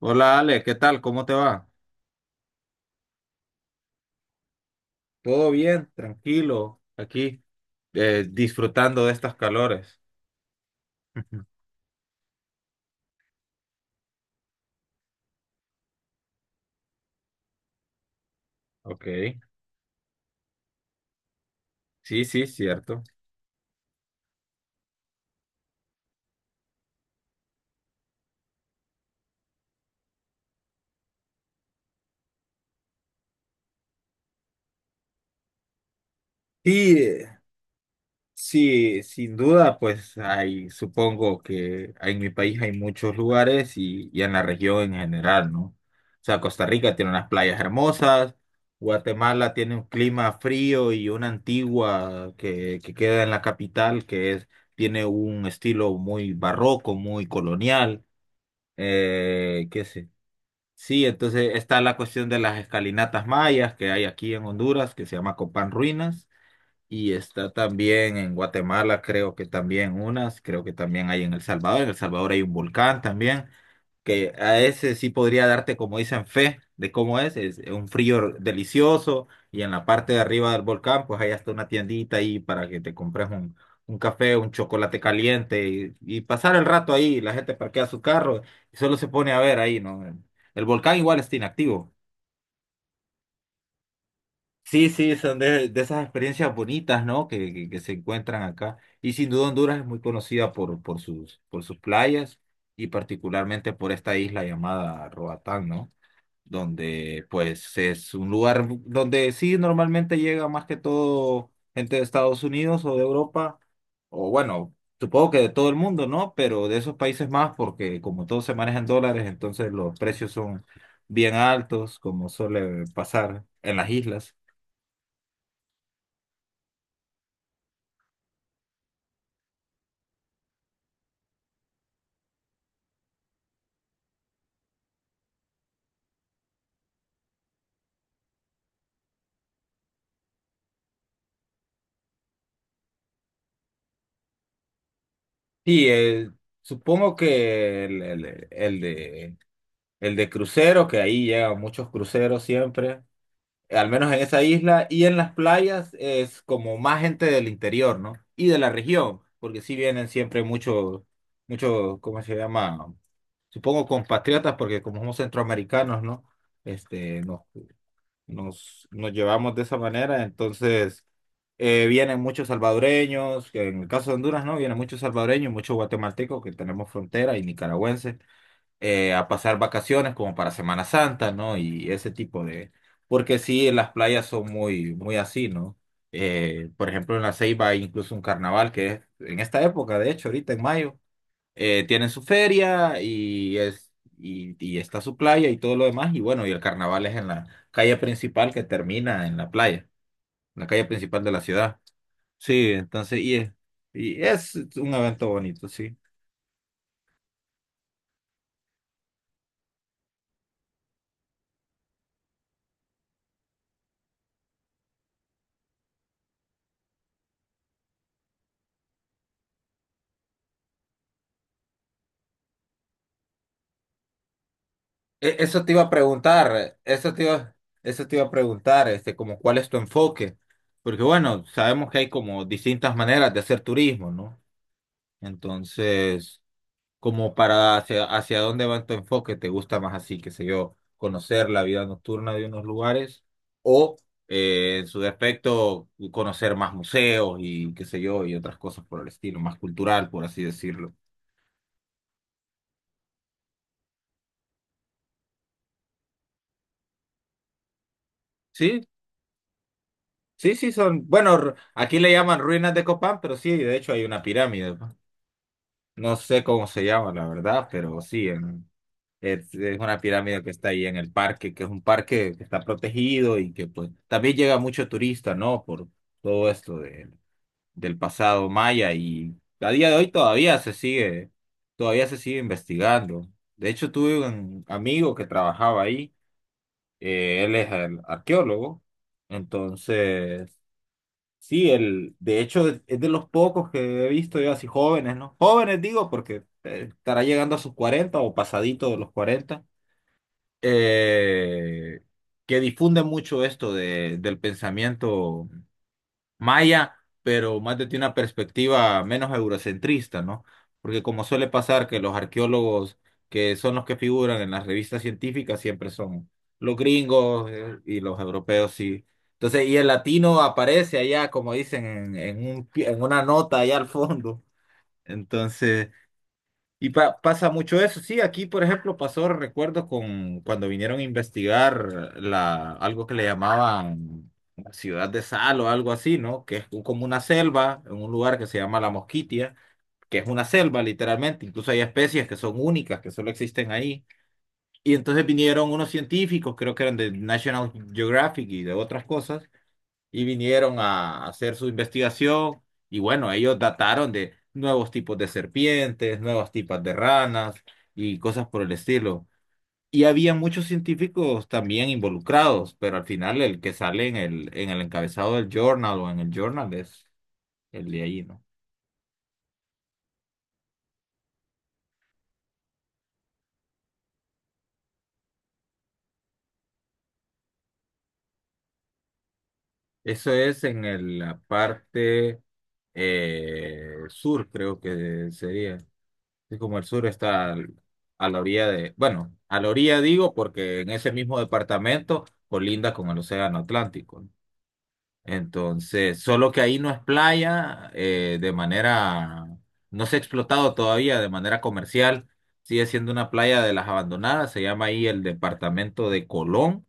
Hola Ale, ¿qué tal? ¿Cómo te va? Todo bien, tranquilo, aquí disfrutando de estas calores. Ujú. Ok, sí, sí, cierto. Y eh, sí, sin duda, pues hay, supongo que en mi país hay muchos lugares y en la región en general, ¿no? O sea, Costa Rica tiene unas playas hermosas, Guatemala tiene un clima frío y una antigua que queda en la capital, que es, tiene un estilo muy barroco, muy colonial. ¿Qué sé? Sí, entonces está la cuestión de las escalinatas mayas que hay aquí en Honduras, que se llama Copán Ruinas, y está también en Guatemala, creo que también unas, creo que también hay en El Salvador hay un volcán también, que a ese sí podría darte, como dicen, fe de cómo es un frío delicioso y en la parte de arriba del volcán, pues hay hasta una tiendita ahí para que te compres un café, un chocolate caliente y pasar el rato ahí, la gente parquea su carro y solo se pone a ver ahí, ¿no? El volcán igual está inactivo. Sí, sí, son de esas experiencias bonitas, ¿no? Que se encuentran acá. Y sin duda Honduras es muy conocida por sus playas y particularmente por esta isla llamada Roatán, ¿no? Donde pues es un lugar donde sí normalmente llega más que todo gente de Estados Unidos o de Europa, o bueno, supongo que de todo el mundo, ¿no? Pero de esos países más, porque como todo se maneja en dólares, entonces los precios son bien altos, como suele pasar en las islas. Y eh, supongo que el de crucero, que ahí llegan muchos cruceros siempre. Al menos en esa isla, y en las playas es como más gente del interior, ¿no? Y de la región, porque sí vienen siempre muchos, muchos, ¿cómo se llama? Supongo compatriotas, porque como somos centroamericanos, ¿no? Este, nos llevamos de esa manera, entonces vienen muchos salvadoreños, que en el caso de Honduras, ¿no? Vienen muchos salvadoreños, muchos guatemaltecos que tenemos frontera y nicaragüenses a pasar vacaciones como para Semana Santa, ¿no? Y ese tipo de... Porque sí, las playas son muy, muy así, ¿no? Por ejemplo, en La Ceiba hay incluso un carnaval que es en esta época, de hecho, ahorita en mayo, tienen su feria y es... Y, y está su playa y todo lo demás, y bueno, y el carnaval es en la calle principal que termina en la playa, la calle principal de la ciudad. Sí, entonces, y es un evento bonito, sí. E- Eso te iba a preguntar, eso te iba, eso te iba a preguntar, este, como cuál es tu enfoque, porque bueno, sabemos que hay como distintas maneras de hacer turismo, ¿no? Entonces, como para hacia dónde va tu enfoque, ¿te gusta más así, qué sé yo, conocer la vida nocturna de unos lugares o en su defecto conocer más museos y qué sé yo, y otras cosas por el estilo, más cultural, por así decirlo? Sí, sí, sí, son, bueno, aquí le llaman ruinas de Copán, pero sí, de hecho hay una pirámide, pues. No sé cómo se llama, la verdad, pero sí, es una pirámide que está ahí en el parque, que es un parque que está protegido y que pues también llega mucho turista, ¿no? Por todo esto del pasado maya y a día de hoy todavía se sigue investigando. De hecho, tuve un amigo que trabajaba ahí, él es el arqueólogo, entonces... Sí, el, de hecho es de los pocos que he visto yo así jóvenes, ¿no? Jóvenes digo porque estará llegando a sus 40 o pasadito de los cuarenta, eh, que difunde mucho esto del pensamiento maya, pero más desde una perspectiva menos eurocentrista, ¿no? Porque como suele pasar que los arqueólogos que son los que figuran en las revistas científicas siempre son los gringos y los europeos, sí. Entonces, y el latino aparece allá, como dicen, en un, en una nota allá al fondo. Entonces, y pasa mucho eso, sí, aquí por ejemplo pasó, recuerdo, con cuando vinieron a investigar la, algo que le llamaban la ciudad de Sal o algo así, ¿no? Como una selva, en un lugar que se llama La Mosquitia, que es una selva literalmente, incluso hay especies que son únicas, que solo existen ahí. Y entonces vinieron unos científicos, creo que eran de National Geographic y de otras cosas y vinieron a hacer su investigación y bueno, ellos dataron de nuevos tipos de serpientes, nuevos tipos de ranas y cosas por el estilo. Y había muchos científicos también involucrados, pero al final el que sale en el encabezado del journal o en el journal es el de ahí, ¿no? Eso es en la parte sur, creo que sería. Sí, como el sur está a la orilla de, bueno, a la orilla digo porque en ese mismo departamento colinda con el Océano Atlántico, ¿no? Entonces, solo que ahí no es playa no se ha explotado todavía de manera comercial, sigue siendo una playa de las abandonadas, se llama ahí el departamento de Colón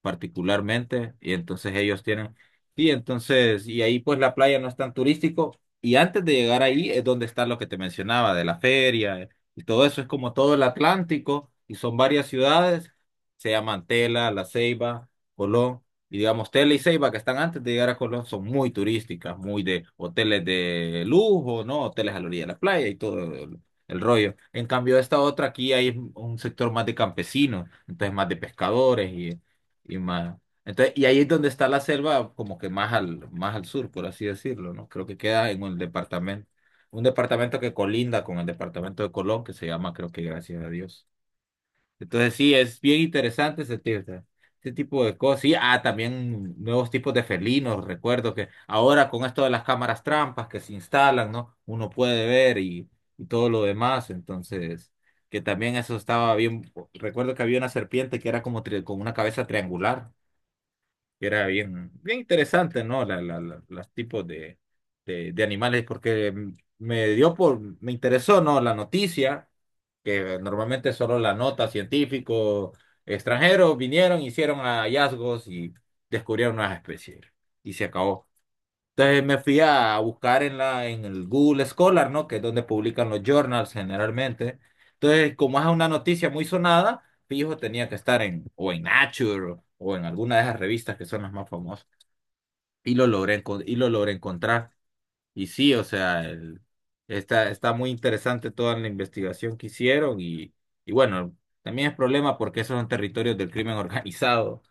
particularmente, y entonces ellos tienen, y entonces, y ahí pues la playa no es tan turístico, y antes de llegar ahí es donde está lo que te mencionaba, de la feria, y todo eso es como todo el Atlántico, y son varias ciudades, se llaman Tela, La Ceiba, Colón, y digamos Tela y Ceiba que están antes de llegar a Colón son muy turísticas, muy de hoteles de lujo, ¿no? Hoteles a la orilla de la playa y todo el rollo. En cambio, esta otra aquí hay un sector más de campesinos, entonces más de pescadores y más. Entonces, y ahí es donde está la selva, como que más al sur, por así decirlo, ¿no? Creo que queda en un departamento que colinda con el departamento de Colón, que se llama, creo que Gracias a Dios. Entonces, sí, es bien interesante ese tipo de cosas. Sí, ah, también nuevos tipos de felinos, recuerdo que ahora con esto de las cámaras trampas que se instalan, ¿no? Uno puede ver y todo lo demás, entonces que también eso estaba bien. Recuerdo que había una serpiente que era como con una cabeza triangular. Y era bien, bien interesante, ¿no? Los tipos de animales, porque me dio por, me interesó, ¿no? La noticia, que normalmente solo la nota científico, extranjeros vinieron, hicieron hallazgos y descubrieron unas especies. Y se acabó. Entonces me fui a buscar en en el Google Scholar, ¿no? Que es donde publican los journals generalmente. Entonces, como es una noticia muy sonada, fijo, tenía que estar en, o en Nature, o en alguna de esas revistas que son las más famosas. Y lo logré, enco- y lo logré encontrar. Y sí, o sea, está, está muy interesante toda la investigación que hicieron. Y bueno, también es problema porque esos son territorios del crimen organizado.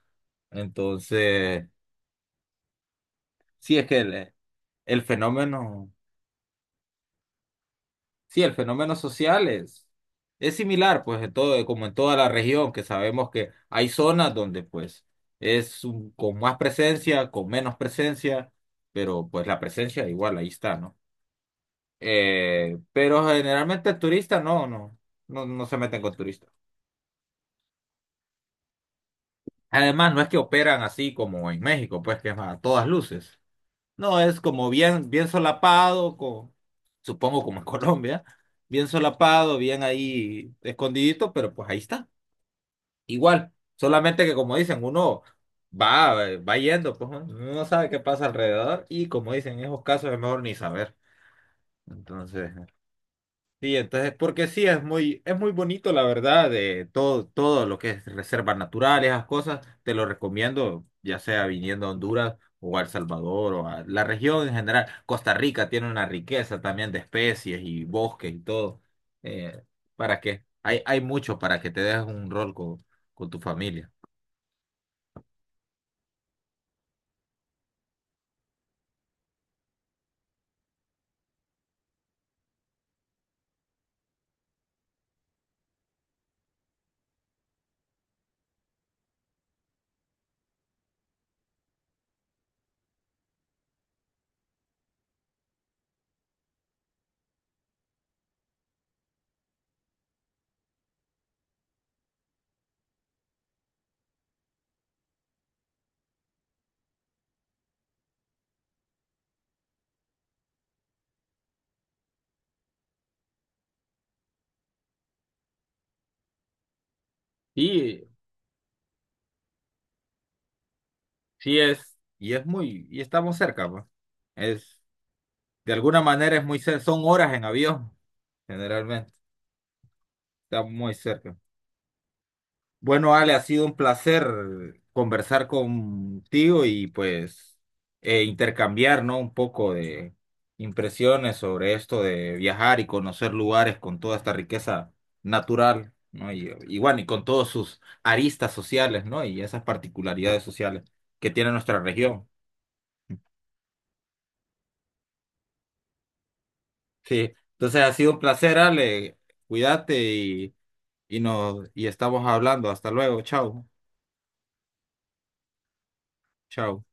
Entonces, sí, es que el fenómeno. Sí, el fenómeno social es similar, pues, en todo, como en toda la región, que sabemos que hay zonas donde, pues, con más presencia, con menos presencia, pero, pues, la presencia igual ahí está, ¿no? Pero generalmente el turista no se meten con turistas. Además, no es que operan así como en México, pues, que es a todas luces. No, es como bien, bien solapado, con, supongo como en Colombia, bien solapado, bien ahí escondidito, pero pues ahí está. Igual, solamente que como dicen, uno va, va yendo, pues, ¿no? Uno no sabe qué pasa alrededor y como dicen, en esos casos es mejor ni saber. Entonces, sí, entonces, porque sí, es muy bonito, la verdad, de todo, todo lo que es reservas naturales, esas cosas, te lo recomiendo, ya sea viniendo a Honduras o a El Salvador o a la región en general. Costa Rica tiene una riqueza también de especies y bosques y todo. Eh, ¿Para qué? Hay mucho para que te dejes un rol con tu familia. Y sí es, y es muy, y estamos cerca, pues. Es, de alguna manera es muy cerca, son horas en avión, generalmente, está muy cerca. Bueno, Ale, ha sido un placer conversar contigo y pues intercambiar, ¿no? Un poco de impresiones sobre esto de viajar y conocer lugares con toda esta riqueza natural, ¿no? Y bueno, y con todos sus aristas sociales, ¿no? Y esas particularidades sociales que tiene nuestra región. Sí, entonces ha sido un placer, Ale. Cuídate y nos y estamos hablando. Hasta luego. Chao. Chao.